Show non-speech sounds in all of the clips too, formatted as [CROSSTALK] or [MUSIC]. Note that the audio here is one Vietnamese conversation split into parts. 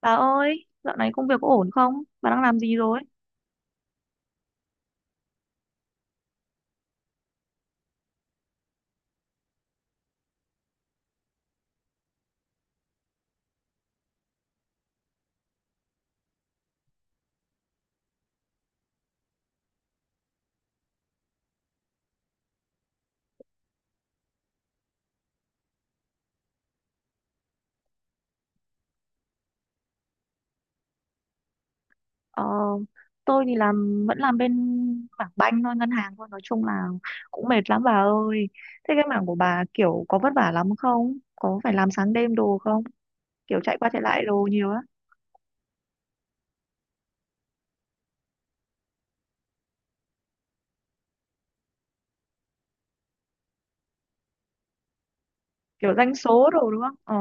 Bà ơi, dạo này công việc có ổn không? Bà đang làm gì rồi? Ờ, tôi thì vẫn làm bên mảng banh thôi, ngân hàng thôi. Nói chung là cũng mệt lắm bà ơi. Thế cái mảng của bà kiểu có vất vả lắm không? Có phải làm sáng đêm đồ không? Kiểu chạy qua chạy lại đồ nhiều á. Kiểu doanh số đồ đúng không? Ờ,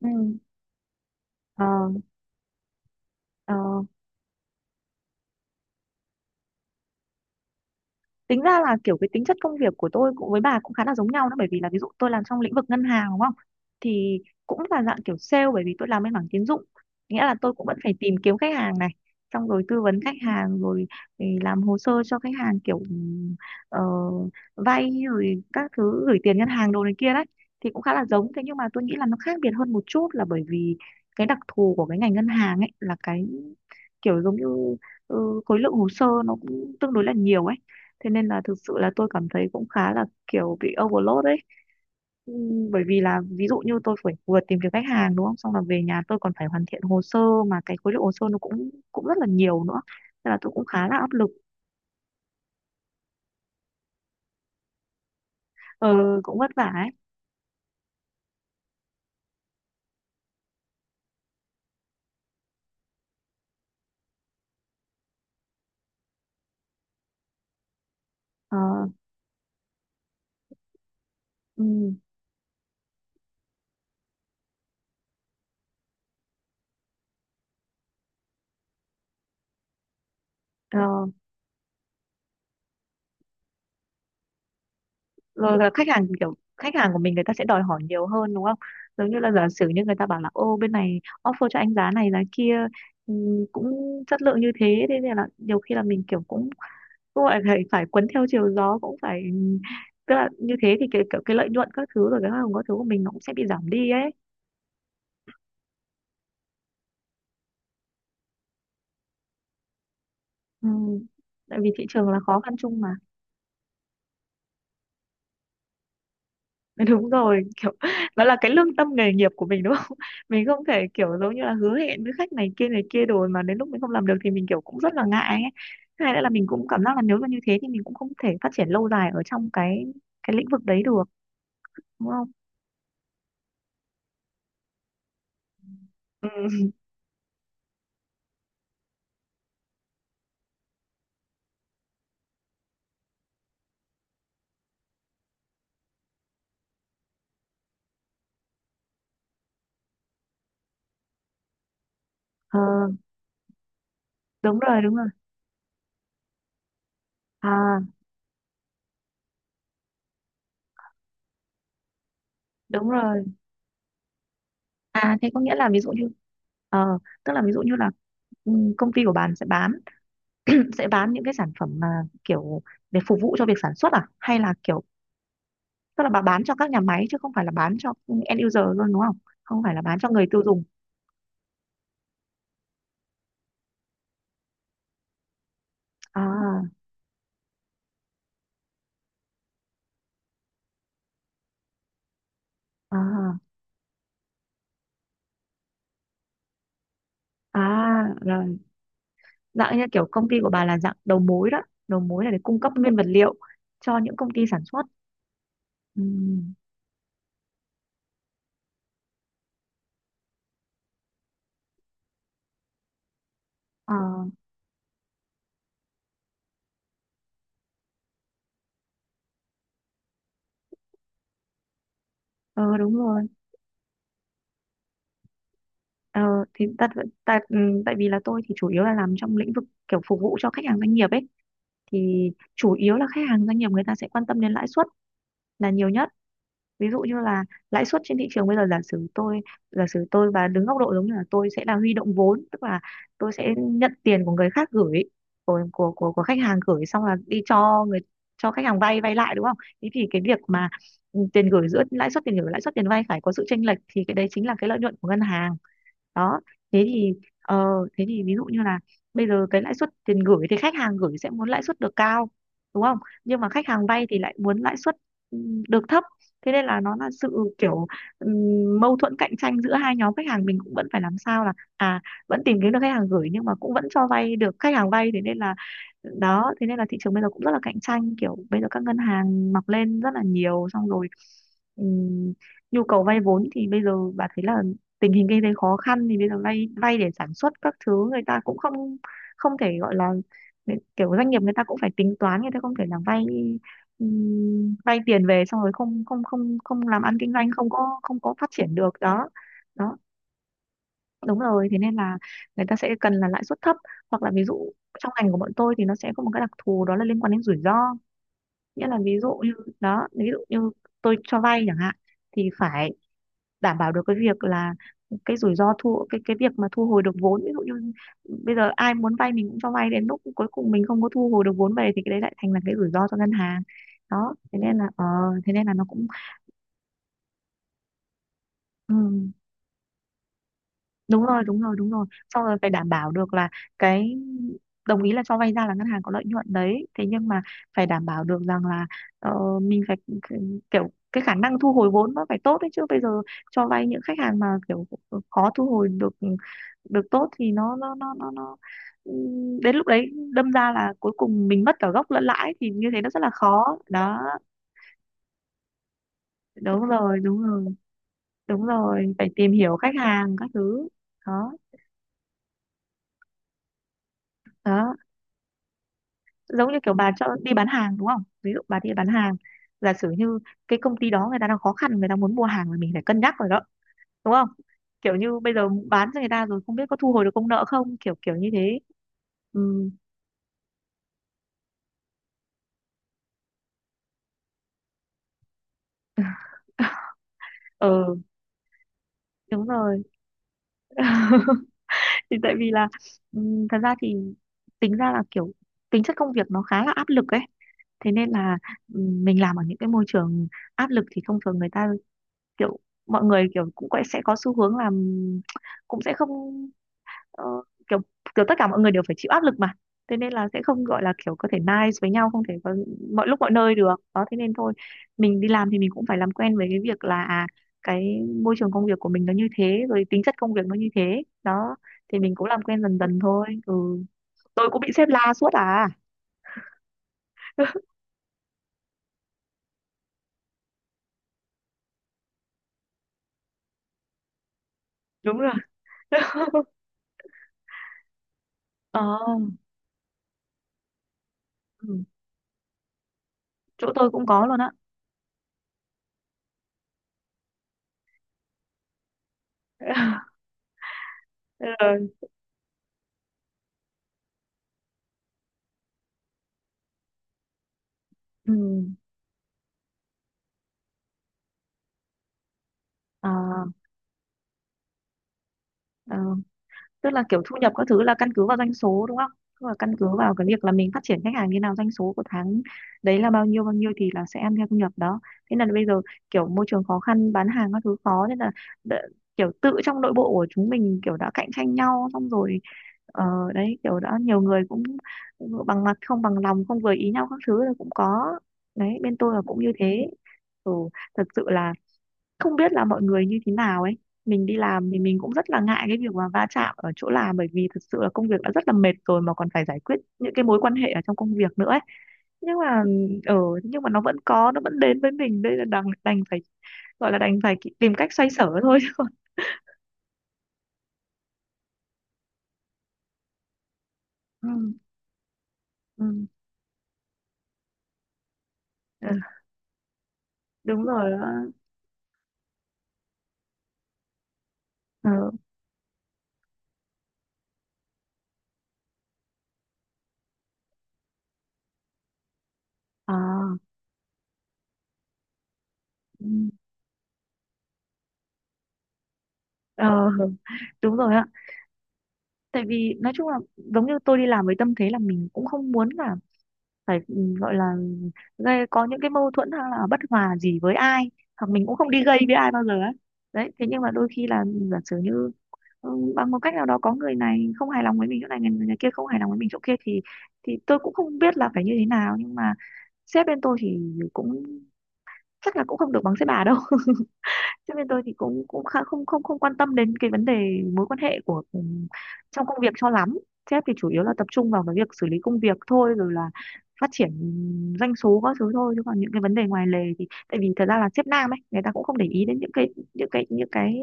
ừ, ờ, ờ. Tính ra là kiểu cái tính chất công việc của tôi cũng với bà cũng khá là giống nhau đó, bởi vì là ví dụ tôi làm trong lĩnh vực ngân hàng đúng không, thì cũng là dạng kiểu sale bởi vì tôi làm bên mảng tín dụng, nghĩa là tôi cũng vẫn phải tìm kiếm khách hàng này, xong rồi tư vấn khách hàng rồi thì làm hồ sơ cho khách hàng kiểu ờ, vay rồi các thứ, gửi tiền ngân hàng đồ này kia đấy. Thì cũng khá là giống thế nhưng mà tôi nghĩ là nó khác biệt hơn một chút là bởi vì cái đặc thù của cái ngành ngân hàng ấy là cái kiểu giống như khối lượng hồ sơ nó cũng tương đối là nhiều ấy. Thế nên là thực sự là tôi cảm thấy cũng khá là kiểu bị overload đấy. Bởi vì là ví dụ như tôi phải vừa tìm kiếm khách hàng đúng không, xong là về nhà tôi còn phải hoàn thiện hồ sơ, mà cái khối lượng hồ sơ nó cũng cũng rất là nhiều nữa nên là tôi cũng khá là áp lực. Ờ, cũng vất vả ấy. Ờ, ừm, ờ, rồi là khách hàng, kiểu khách hàng của mình người ta sẽ đòi hỏi nhiều hơn đúng không. Giống như là giả sử như người ta bảo là ô bên này offer cho anh giá này giá kia, cũng chất lượng như thế. Thế nên là nhiều khi là mình kiểu cũng cũng phải phải phải cuốn theo chiều gió, cũng phải, tức là như thế thì cái lợi nhuận các thứ rồi cái hoa hồng các thứ của mình nó cũng sẽ bị giảm đi ấy. Ừ. Tại vì thị trường là khó khăn chung mà. [LAUGHS] Đúng rồi kiểu, đó là cái lương tâm nghề nghiệp của mình đúng không. [LAUGHS] Mình không thể kiểu giống như là hứa hẹn với khách này kia rồi mà đến lúc mình không làm được thì mình kiểu cũng rất là ngại ấy. Thứ hai nữa là mình cũng cảm giác là nếu mà như thế thì mình cũng không thể phát triển lâu dài ở trong cái lĩnh vực đấy được đúng không. Ừ. [LAUGHS] Ờ, đúng rồi, đúng rồi. À, đúng rồi. À thế có nghĩa là ví dụ như ờ, tức là ví dụ như là công ty của bạn sẽ bán [CLEARS THROAT] sẽ bán những cái sản phẩm mà kiểu để phục vụ cho việc sản xuất, à hay là kiểu tức là bạn bán cho các nhà máy chứ không phải là bán cho end user luôn đúng không? Không phải là bán cho người tiêu dùng. À, à, à, rồi, dạng như kiểu công ty của bà là dạng đầu mối đó, đầu mối là để cung cấp nguyên vật liệu cho những công ty sản xuất. Ừm, ờ, ờ, đúng rồi. Ờ, thì tại, tại tại vì là tôi thì chủ yếu là làm trong lĩnh vực kiểu phục vụ cho khách hàng doanh nghiệp ấy, thì chủ yếu là khách hàng doanh nghiệp người ta sẽ quan tâm đến lãi suất là nhiều nhất. Ví dụ như là lãi suất trên thị trường bây giờ, giả sử tôi và đứng góc độ giống như là tôi sẽ là huy động vốn, tức là tôi sẽ nhận tiền của người khác gửi, của khách hàng gửi xong là đi cho khách hàng vay vay lại đúng không. Thế thì cái việc mà tiền gửi, giữa lãi suất tiền gửi và lãi suất tiền vay phải có sự chênh lệch thì cái đấy chính là cái lợi nhuận của ngân hàng đó. Thế thì ờ, thế thì ví dụ như là bây giờ cái lãi suất tiền gửi thì khách hàng gửi sẽ muốn lãi suất được cao đúng không, nhưng mà khách hàng vay thì lại muốn lãi suất ừ, được thấp. Thế nên là nó là sự kiểu mâu thuẫn cạnh tranh giữa hai nhóm khách hàng, mình cũng vẫn phải làm sao là vẫn tìm kiếm được khách hàng gửi nhưng mà cũng vẫn cho vay được khách hàng vay. Thế nên là đó, thế nên là thị trường bây giờ cũng rất là cạnh tranh, kiểu bây giờ các ngân hàng mọc lên rất là nhiều, xong rồi ừm, nhu cầu vay vốn thì bây giờ bà thấy là tình hình kinh tế khó khăn thì bây giờ vay vay để sản xuất các thứ người ta cũng không không thể gọi là, kiểu doanh nghiệp người ta cũng phải tính toán, người ta không thể là vay vay tiền về xong rồi không không không không làm ăn kinh doanh, không có phát triển được đó. Đó đúng rồi thế nên là người ta sẽ cần là lãi suất thấp, hoặc là ví dụ trong ngành của bọn tôi thì nó sẽ có một cái đặc thù đó là liên quan đến rủi ro. Nghĩa là ví dụ như tôi cho vay chẳng hạn thì phải đảm bảo được cái việc là cái rủi ro thu cái việc mà thu hồi được vốn. Ví dụ như bây giờ ai muốn vay mình cũng cho vay đến lúc cuối cùng mình không có thu hồi được vốn về thì cái đấy lại thành là cái rủi ro cho ngân hàng đó. Thế nên là nó cũng, ừ, đúng rồi, đúng rồi, đúng rồi. Xong rồi phải đảm bảo được là cái đồng ý là cho vay ra là ngân hàng có lợi nhuận đấy thế nhưng mà phải đảm bảo được rằng là mình phải kiểu cái khả năng thu hồi vốn nó phải tốt đấy, chứ bây giờ cho vay những khách hàng mà kiểu khó thu hồi được được tốt thì nó đến lúc đấy đâm ra là cuối cùng mình mất cả gốc lẫn lãi thì như thế nó rất là khó đó. Đúng rồi, đúng rồi, đúng rồi, phải tìm hiểu khách hàng các thứ. Đó, đó, giống như kiểu bà cho đi bán hàng đúng không, ví dụ bà đi bán hàng giả sử như cái công ty đó người ta đang khó khăn người ta muốn mua hàng thì mình phải cân nhắc rồi đó, đúng không, kiểu như bây giờ bán cho người ta rồi không biết có thu hồi được công nợ không, kiểu kiểu như thế. Ừ, ờ, đúng rồi. [LAUGHS] Thì tại vì là thật ra thì tính ra là kiểu tính chất công việc nó khá là áp lực ấy. Thế nên là mình làm ở những cái môi trường áp lực thì thông thường người ta kiểu mọi người kiểu cũng sẽ có xu hướng làm, cũng sẽ không ờ, kiểu kiểu tất cả mọi người đều phải chịu áp lực mà. Thế nên là sẽ không gọi là kiểu có thể nice với nhau, không thể có mọi lúc mọi nơi được đó, thế nên thôi mình đi làm thì mình cũng phải làm quen với cái việc là cái môi trường công việc của mình nó như thế rồi, tính chất công việc nó như thế đó, thì mình cũng làm quen dần dần thôi. Ừ, tôi cũng bị sếp la suốt à. [LAUGHS] Đúng rồi. [LAUGHS] Ờ. Ừ. Chỗ tôi cũng có luôn á. [LAUGHS] Ừ. Ừ. À. Ờ, tức là kiểu thu nhập các thứ là căn cứ vào doanh số đúng không? Tức là căn cứ vào cái việc là mình phát triển khách hàng như nào, doanh số của tháng đấy là bao nhiêu thì là sẽ ăn theo thu nhập đó. Thế là bây giờ kiểu môi trường khó khăn, bán hàng các thứ khó nên là đ- kiểu tự trong nội bộ của chúng mình kiểu đã cạnh tranh nhau xong rồi. Ờ, đấy kiểu đã nhiều người cũng bằng mặt không bằng lòng, không vừa ý nhau các thứ là cũng có. Đấy, bên tôi là cũng như thế. Ừ, thật sự là không biết là mọi người như thế nào ấy. Mình đi làm thì mình cũng rất là ngại cái việc mà va chạm ở chỗ làm, bởi vì thực sự là công việc đã rất là mệt rồi mà còn phải giải quyết những cái mối quan hệ ở trong công việc nữa ấy. Nhưng mà ở nhưng mà nó vẫn có, nó vẫn đến với mình, đây là đành đành phải gọi là đành phải tìm cách xoay sở thôi chứ còn. [LAUGHS] Ừ, ừ, ừ, đúng rồi đó. Ờ, à, ừ, ờ, đúng rồi ạ. Tại vì nói chung là giống như tôi đi làm với tâm thế là mình cũng không muốn là phải gọi là gây có những cái mâu thuẫn hay là bất hòa gì với ai, hoặc mình cũng không đi gây với ai bao giờ ấy. Đấy, thế nhưng mà đôi khi là giả sử như bằng một cách nào đó có người này không hài lòng với mình chỗ này, người kia không hài lòng với mình chỗ kia thì tôi cũng không biết là phải như thế nào. Nhưng mà sếp bên tôi thì cũng chắc là cũng không được bằng sếp bà đâu. Thế bên tôi thì cũng cũng khá không không không quan tâm đến cái vấn đề mối quan hệ của trong công việc cho lắm. Sếp thì chủ yếu là tập trung vào cái việc xử lý công việc thôi, rồi là phát triển doanh số các thứ thôi, chứ còn những cái vấn đề ngoài lề thì tại vì thật ra là sếp nam ấy, người ta cũng không để ý đến những cái những cái những cái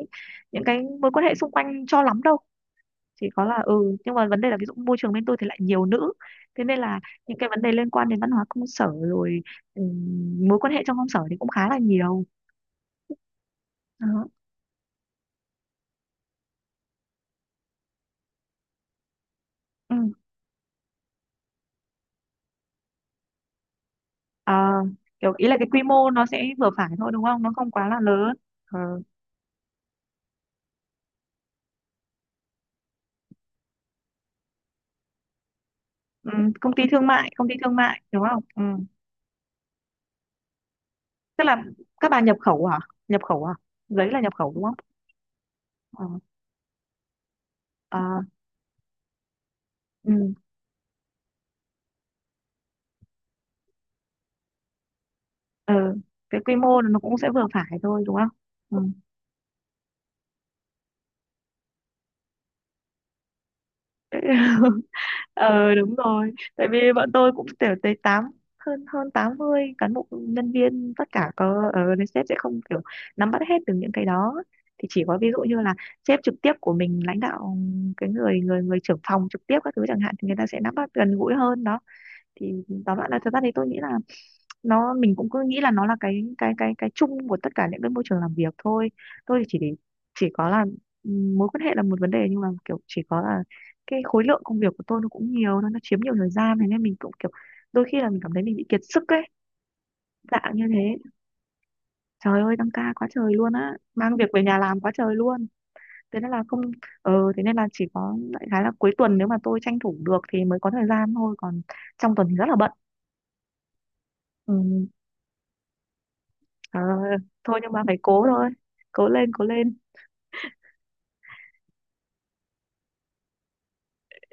những cái mối quan hệ xung quanh cho lắm đâu. Chỉ có là nhưng mà vấn đề là ví dụ môi trường bên tôi thì lại nhiều nữ, thế nên là những cái vấn đề liên quan đến văn hóa công sở rồi ừ, mối quan hệ trong công sở thì cũng khá là nhiều. Đó. Ừ. Ờ, kiểu ý là cái quy mô nó sẽ vừa phải thôi đúng không? Nó không quá là lớn. Ờ, ừ, công ty thương mại, công ty thương mại đúng không? Ừ. Tức là các bà nhập khẩu hả? Nhập khẩu hả? Giấy là nhập khẩu đúng không? Ờ, ờ, ừ, ờ, cái quy mô nó cũng sẽ vừa phải thôi đúng không? Ừ. [LAUGHS] Ờ, đúng rồi, tại vì bọn tôi cũng kiểu tới tám hơn hơn 80 cán bộ nhân viên tất cả có, ờ, nên sếp sẽ không kiểu nắm bắt hết được những cái đó. Thì chỉ có ví dụ như là sếp trực tiếp của mình lãnh đạo, cái người người người trưởng phòng trực tiếp các thứ chẳng hạn thì người ta sẽ nắm bắt gần gũi hơn đó. Thì tóm lại là thật ra thì tôi nghĩ là nó, mình cũng cứ nghĩ là nó là cái chung của tất cả những cái môi trường làm việc thôi. Tôi chỉ để, chỉ có là mối quan hệ là một vấn đề, nhưng mà kiểu chỉ có là cái khối lượng công việc của tôi nó cũng nhiều, nó chiếm nhiều thời gian, thế nên mình cũng kiểu đôi khi là mình cảm thấy mình bị kiệt sức ấy, dạng như thế. Trời ơi, tăng ca quá trời luôn á, mang việc về nhà làm quá trời luôn, thế nên là không. Ờ, thế nên là chỉ có đại khái là cuối tuần nếu mà tôi tranh thủ được thì mới có thời gian thôi, còn trong tuần thì rất là bận. Ừ, ờ, thôi nhưng mà phải cố thôi. Cố lên, cố lên.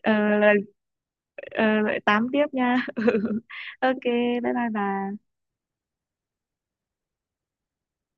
Ờ, lại ờ, lại tám tiếp nha. [LAUGHS] Ok, bye bye bà.